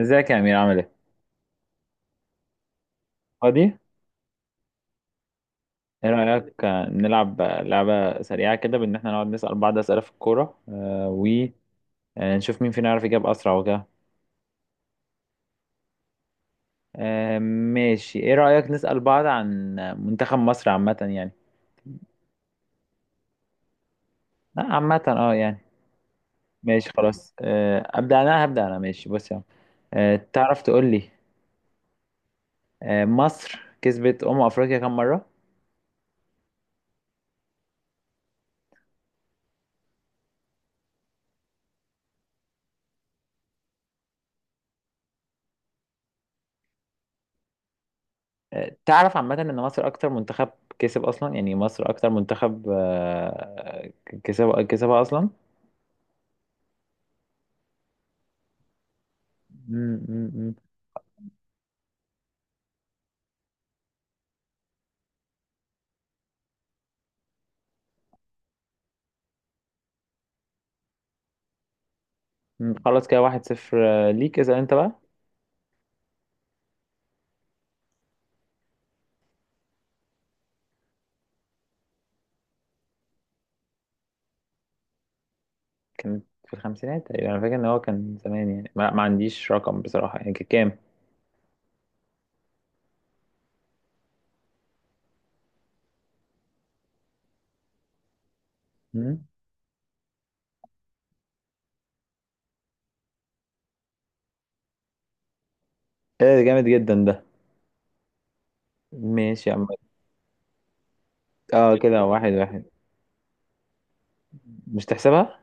ازيك يا امير؟ عامل ايه؟ فاضي. ايه رايك نلعب لعبه سريعه كده، بان احنا نقعد نسال بعض اسئله في الكوره، ونشوف مين فينا يعرف يجاوب اسرع وكده. ماشي. ايه رايك نسال بعض عن منتخب مصر عامه يعني؟ لا عامه اه يعني. ماشي خلاص. آه، ابدا انا هبدا انا ماشي، بص يا عم. تعرف تقول لي مصر كسبت افريقيا كام مره؟ تعرف عامه ان مصر اكتر منتخب كسب اصلا، يعني مصر اكتر منتخب كسبها اصلا. مم، مم، مم، مم. خلاص، كده واحد صفر. ليك، اسأل انت بقى. كان في الخمسينات تقريبا، انا فاكر ان هو كان زمان يعني، ما عنديش رقم بصراحة، يعني كان كام؟ مم. ايه ده؟ جامد جدا ده. ماشي يا عم. اه، كده واحد واحد. مش تحسبها؟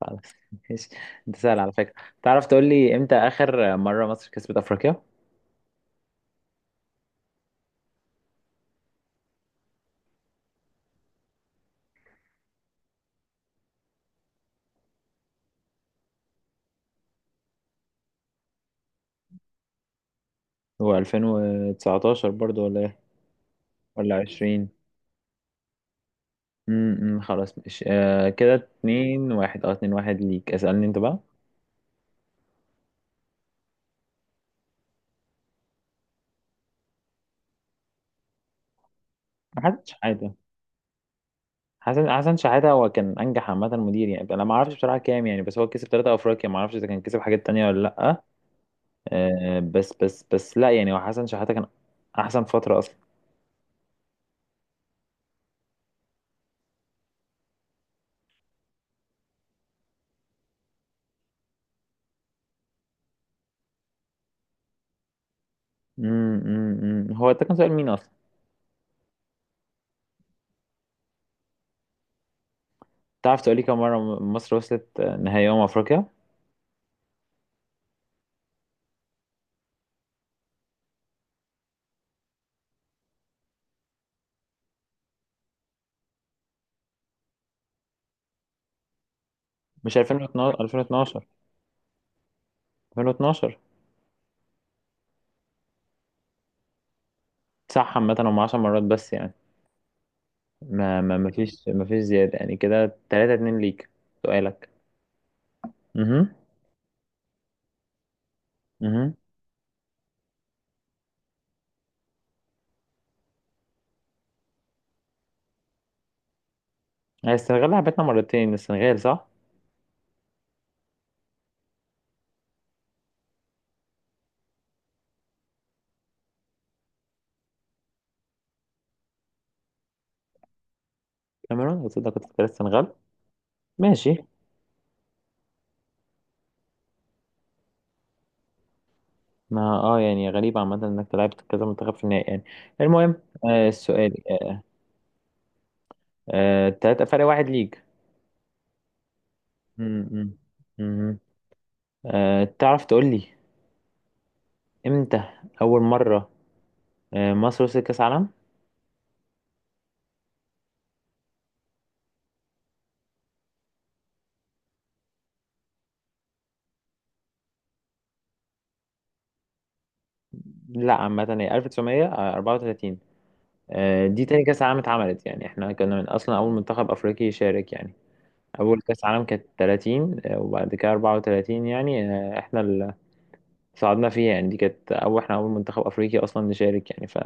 خلاص. ماشي. انت سهل على فكرة. تعرف تقول لي امتى اخر مرة مصر كسبت افريقيا؟ هو 2019 برضو ولا ايه؟ ولا 20؟ امم، خلاص ماشي. آه كده اتنين واحد. اه اتنين واحد ليك. اسألني انت بقى. محدش حاجة. حسن، حسن شحاتة. هو كان انجح عامه مدير يعني، انا ما اعرفش بصراحه كام يعني، بس هو كسب ثلاثة افريقيا، ما اعرفش اذا كان كسب حاجات تانية ولا لا. أه بس لا يعني، هو حسن شحاتة كان احسن فتره اصلا. أمم. هو ده كان سؤال مين اصلا؟ تعرف تقولي كم مره مصر وصلت نهائي افريقيا؟ مش 2012؟ 2012، 2012. صح، عامه هم 10 مرات بس يعني، ما فيش زياده يعني. كده 3 2 ليك. سؤالك. اها. اها. السنغال لعبتنا مرتين، السنغال صح؟ كاميرون؟ قلت لك، كنت السنغال. ماشي. ما اه يعني غريب عامة انك لعبت كذا منتخب في النهائي يعني. المهم، آه السؤال. آه تلاتة فرق واحد ليك. مم، مم، مم. آه تعرف تقول لي امتى أول مرة مصر وصلت كأس عالم؟ لا عامة، هي 1934. آه دي تاني كأس عالم اتعملت، يعني احنا كنا من أصلا أول منتخب أفريقي يشارك يعني. أول كأس عالم كانت 30، وبعد كده 34 يعني. آه احنا صعدنا فيها يعني، دي كانت أول، إحنا أول منتخب أفريقي أصلا نشارك يعني، ف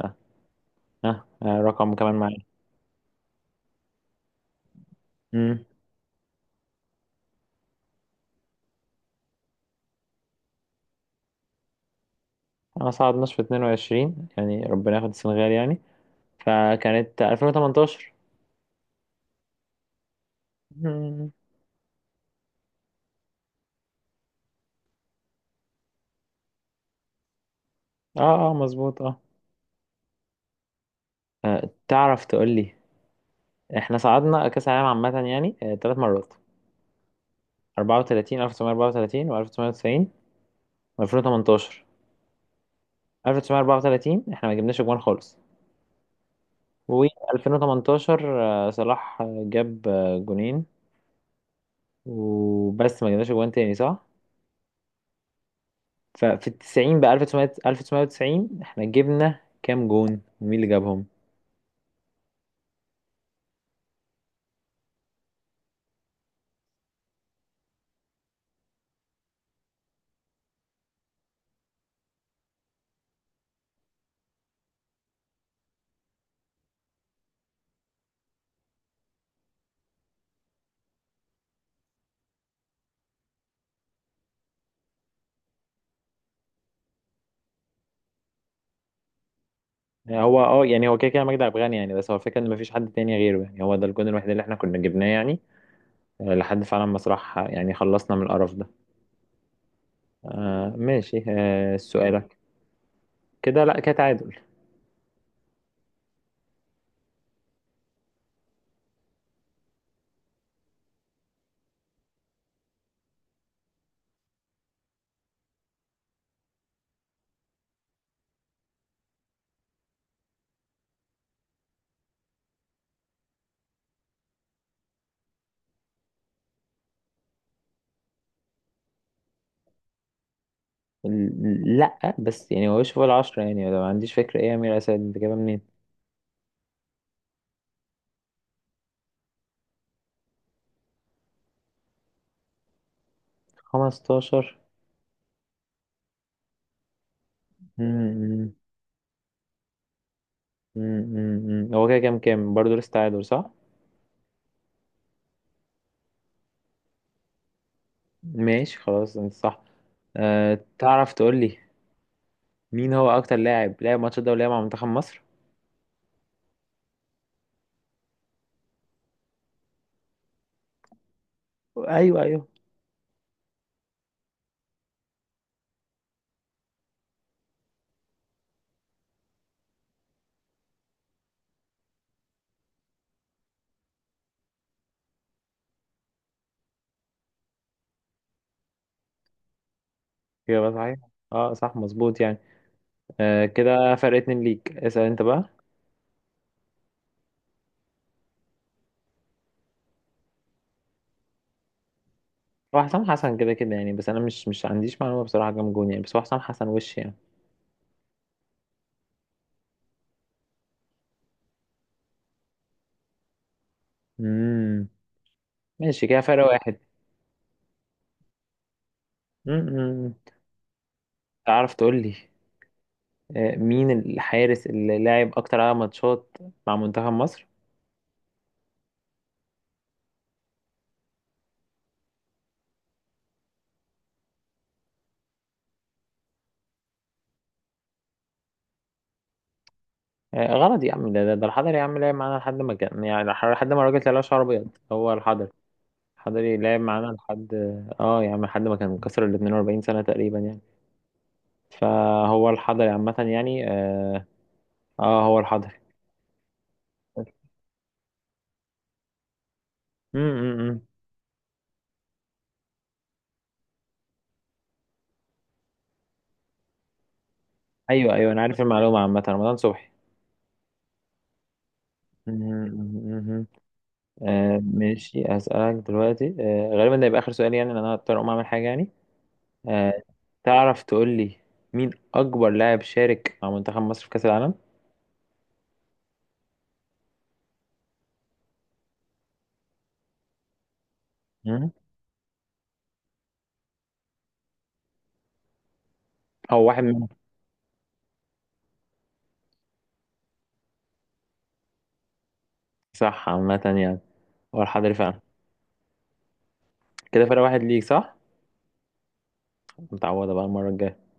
ها رقم كمان معايا. أمم. ما صعدناش في 22 يعني، ربنا ياخد السنغال يعني، فكانت 2018. أمم. اه اه مظبوط اه. تعرف تقول لي، احنا صعدنا كأس العالم عامة يعني ثلاث مرات: 34، 1934 و1990 و2018. 1934 احنا ما جبناش جوان خالص. و2018 صلاح جاب جونين وبس، ما جبناش جوان تاني صح؟ ففي التسعين بقى، 1900، 1990، احنا جبنا كام جون ومين اللي جابهم؟ يعني هو اه يعني، هو كده كده مجدي عبد الغني يعني، بس هو الفكره ان مفيش حد تاني غيره يعني، هو ده الجون الوحيد اللي احنا كنا جبناه يعني، لحد فعلا ما صلاح يعني خلصنا من القرف ده. آه ماشي. آه سؤالك؟ كده لا كده تعادل. لا بس يعني هو فوق العشرة يعني، لو ما عنديش فكرة. ايه يا أمير أسد، انت جايبها منين؟ 15؟ مم، مم، هو كده كام كام برضه؟ لسه تعادل صح؟ ماشي خلاص، انت صح. أه تعرف تقول لي مين هو اكتر لاعب لعب ماتش الدولية مع منتخب مصر؟ ايوه ايوه. اجابة صحيح. اه صح مظبوط يعني. أه كده فرق اتنين ليك. اسأل انت بقى. هو حسام حسن كده كده يعني، بس انا مش عنديش معلومة بصراحة كام جون يعني، بس هو حسام حسن وش يعني. امم. ماشي، كده فرق واحد. امم. تعرف تقول لي، أه مين الحارس اللي لعب اكتر عدد ماتشات مع منتخب مصر؟ غلط يا عم. ده الحضري يا عم، لعب معانا لحد ما كان يعني، لحد ما الراجل طلع شعره ابيض، هو الحضري. الحضري لعب معانا لحد، اه يا عم، لحد ما كان كسر ال 42 سنة تقريبا يعني. فهو الحضري عامة يعني اه, آه هو الحضري. امم. ايوه ايوه، انا عارف المعلومة عامة، رمضان صبحي. مم. آه ماشي، هسألك دلوقتي آه غالبا ده يبقى آخر سؤال يعني، لأن أنا هضطر أقوم أعمل حاجة يعني. آه تعرف تقول لي مين أكبر لاعب شارك مع منتخب مصر في كأس العالم؟ هو واحد منهم. صح عامة يعني، هو الحضري فعلا. كده فرق واحد ليك صح. متعوضة بقى المرة الجاية.